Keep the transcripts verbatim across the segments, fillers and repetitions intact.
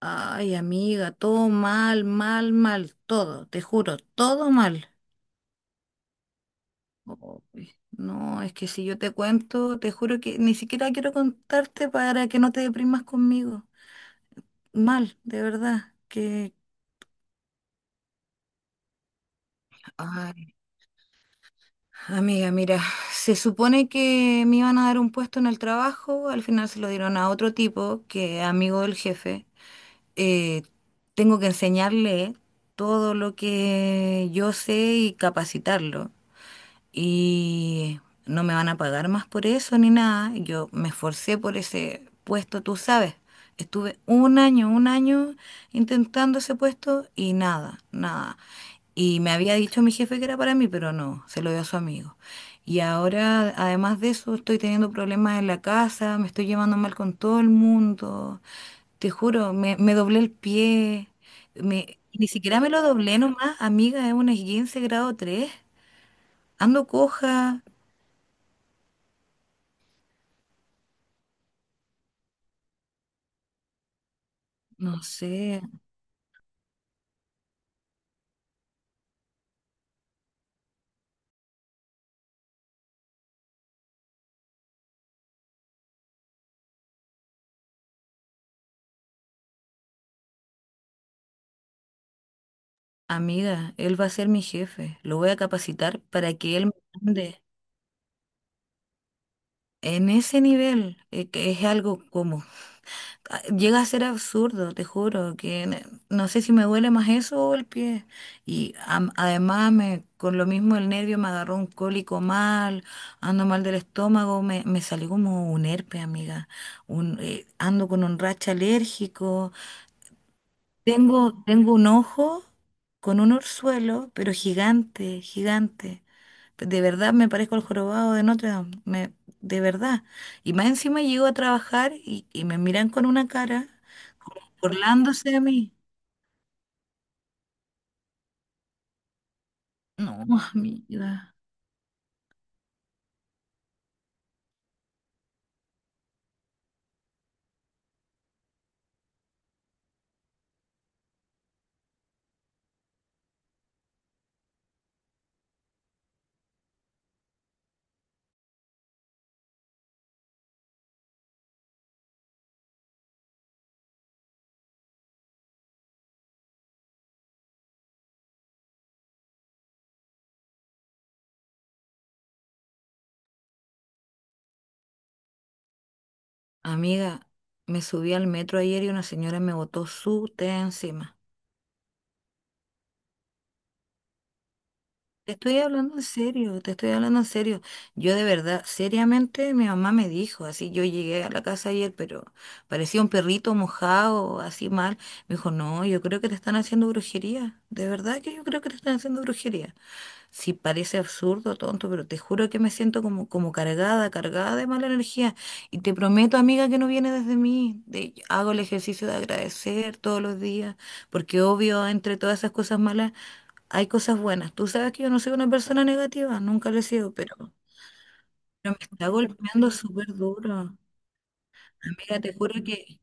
Ay, amiga, todo mal, mal, mal, todo, te juro, todo mal. Uy, no, es que si yo te cuento, te juro que ni siquiera quiero contarte para que no te deprimas conmigo. Mal, de verdad, que... Ay, amiga, mira, se supone que me iban a dar un puesto en el trabajo, al final se lo dieron a otro tipo que es amigo del jefe. Eh, Tengo que enseñarle todo lo que yo sé y capacitarlo. Y no me van a pagar más por eso ni nada. Yo me esforcé por ese puesto, tú sabes. Estuve un año, un año intentando ese puesto y nada, nada. Y me había dicho mi jefe que era para mí, pero no, se lo dio a su amigo. Y ahora, además de eso, estoy teniendo problemas en la casa, me estoy llevando mal con todo el mundo. Te juro, me, me doblé el pie. Me, ni siquiera me lo doblé nomás, amiga, es un esguince grado tres. Ando coja. No sé, amiga, él va a ser mi jefe. Lo voy a capacitar para que él me mande en ese nivel, eh, que es algo como... Ah, llega a ser absurdo, te juro, que n- no sé si me duele más eso o el pie. Y am- además, me, con lo mismo el nervio me agarró un cólico mal, ando mal del estómago, me, me salió como un herpes, amiga. Un, eh, ando con un racha alérgico. Tengo, tengo un ojo con un orzuelo, pero gigante, gigante. De verdad me parezco al jorobado de Notre Dame, me- de verdad. Y más encima llego a trabajar y, y me miran con una cara, como burlándose de mí. No, amiga. Amiga, me subí al metro ayer y una señora me botó su té encima. Te estoy hablando en serio, te estoy hablando en serio. Yo de verdad, seriamente, mi mamá me dijo, así yo llegué a la casa ayer, pero parecía un perrito mojado, así mal. Me dijo, no, yo creo que te están haciendo brujería. De verdad que yo creo que te están haciendo brujería, si parece absurdo, tonto, pero te juro que me siento como, como cargada, cargada de mala energía. Y te prometo, amiga, que no viene desde mí. De- hago el ejercicio de agradecer todos los días, porque obvio, entre todas esas cosas malas, hay cosas buenas. Tú sabes que yo no soy una persona negativa, nunca lo he sido, pero, pero me está golpeando súper duro. Amiga, te juro que...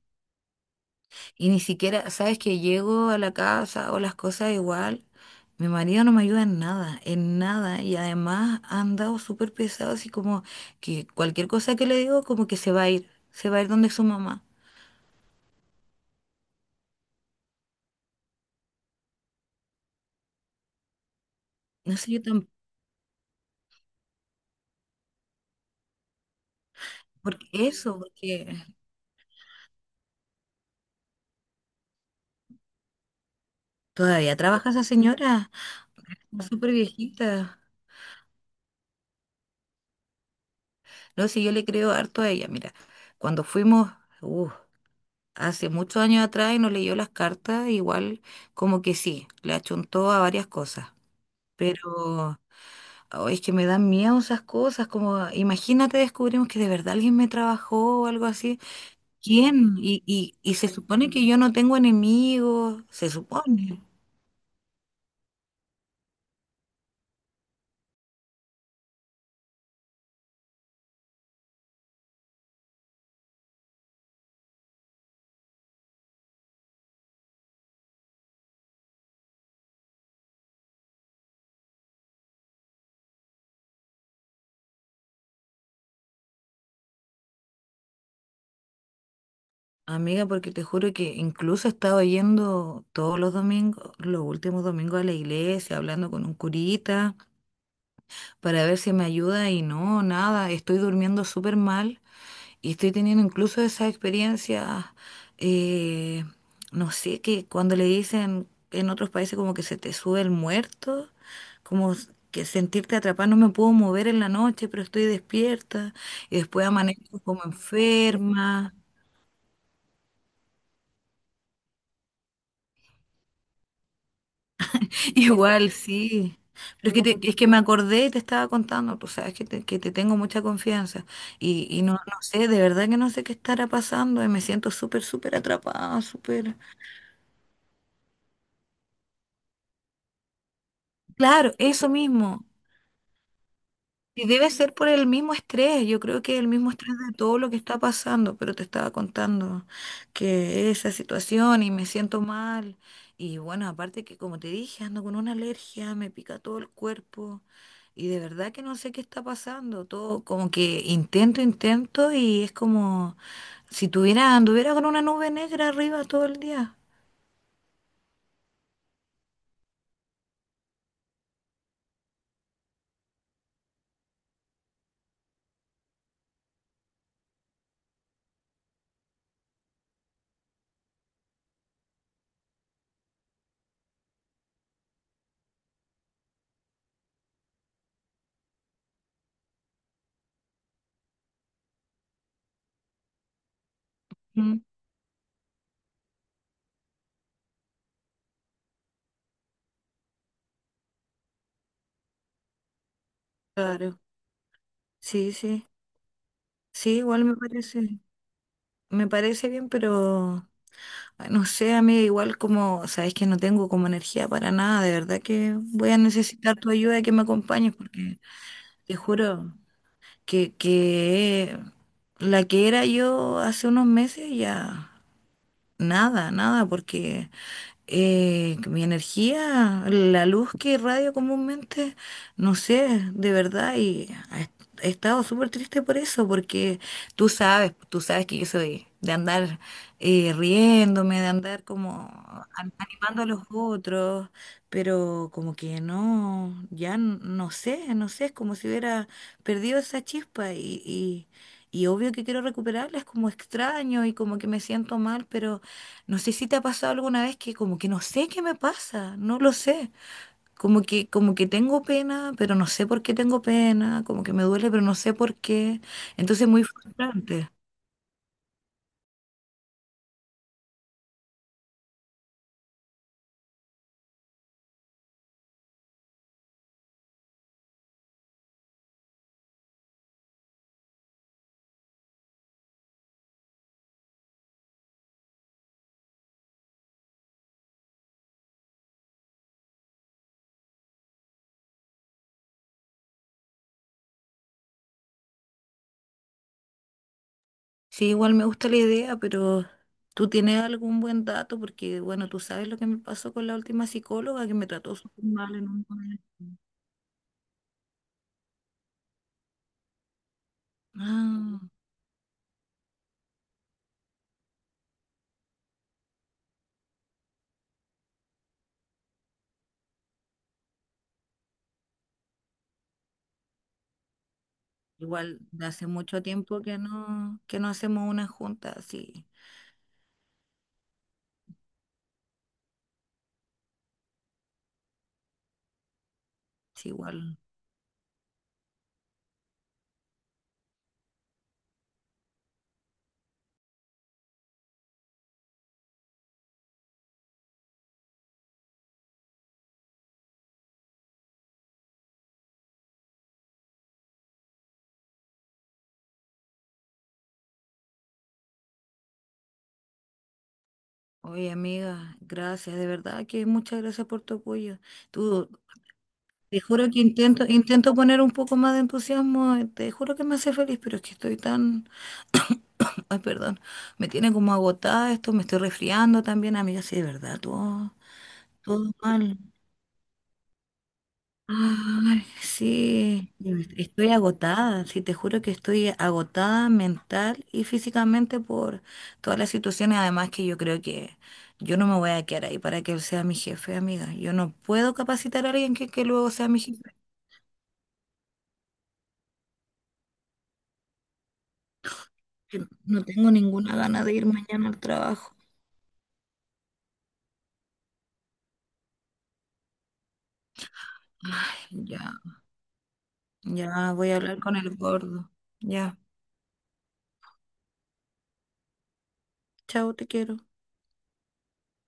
Y ni siquiera, sabes que llego a la casa o las cosas igual, mi marido no me ayuda en nada, en nada. Y además ha andado súper pesado, así como que cualquier cosa que le digo, como que se va a ir, se va a ir donde su mamá. No sé, yo tampoco, porque eso, porque todavía trabaja esa señora, está súper viejita. No sé, yo le creo harto a ella, mira, cuando fuimos, uh, hace muchos años atrás y nos leyó las cartas, igual como que sí, le achuntó a varias cosas. Pero... Oh, es que me dan miedo esas cosas, como imagínate descubrimos que de verdad alguien me trabajó o algo así. ¿Quién? Y, y, y se supone que yo no tengo enemigos, se supone. Amiga, porque te juro que incluso he estado yendo todos los domingos, los últimos domingos a la iglesia, hablando con un curita para ver si me ayuda y no, nada, estoy durmiendo súper mal. Y estoy teniendo incluso esas experiencias, eh, no sé, que cuando le dicen en otros países como que se te sube el muerto, como s- que sentirte atrapada, no me puedo mover en la noche, pero estoy despierta, y después amanezco como enferma. Igual, sí. Pero es que, te- es que me acordé y te estaba contando, tú sabes que te, que te tengo mucha confianza y, y no, no sé, de verdad que no sé qué estará pasando y me siento súper, súper atrapada, súper... Claro, eso mismo. Y debe ser por el mismo estrés, yo creo que el mismo estrés de todo lo que está pasando, pero te estaba contando que esa situación y me siento mal. Y bueno, aparte que como te dije, ando con una alergia, me pica todo el cuerpo y de verdad que no sé qué está pasando, todo como que intento, intento y es como si tuviera, anduviera con una nube negra arriba todo el día. Mm. Claro, sí, sí, sí, igual me parece, me parece bien, pero... Ay, no sé, amiga, igual como, sabes que no tengo como energía para nada, de verdad que voy a necesitar tu ayuda y que me acompañes, porque te juro que, que la que era yo hace unos meses ya nada, nada, porque eh, que mi energía, la luz que irradio comúnmente, no sé, de verdad, y ha he estado súper triste por eso, porque tú sabes, tú sabes que yo soy de andar eh, riéndome, de andar como an- animando a los otros, pero como que no, ya n- no sé, no sé, es como si hubiera perdido esa chispa y, y, y obvio que quiero recuperarla, es como extraño y como que me siento mal, pero... No sé si te ha pasado alguna vez que como que no sé qué me pasa, no lo sé. Como que, como que tengo pena, pero no sé por qué tengo pena, como que me duele, pero no sé por qué. Entonces es muy frustrante. Sí, igual me gusta la idea, pero tú tienes algún buen dato, porque bueno, tú sabes lo que me pasó con la última psicóloga que me trató súper mal en un momento. Ah, igual de hace mucho tiempo que no, que no hacemos una junta, sí, sí, igual. Oye, amiga, gracias, de verdad que muchas gracias por tu apoyo. Tú, te juro que intento, intento poner un poco más de entusiasmo, eh, te juro que me hace feliz, pero es que estoy tan, ay, perdón, me tiene como agotada esto, me estoy resfriando también, amiga, sí, de verdad, todo, todo mal. Ay, sí, yo est- estoy agotada, sí, te juro que estoy agotada mental y físicamente por todas las situaciones, además que yo creo que yo no me voy a quedar ahí para que él sea mi jefe, amiga. Yo no puedo capacitar a alguien que, que luego sea mi jefe. Yo no tengo ninguna gana de ir mañana al trabajo. Ay, ya, ya voy a hablar con el gordo. Ya, chao, te quiero.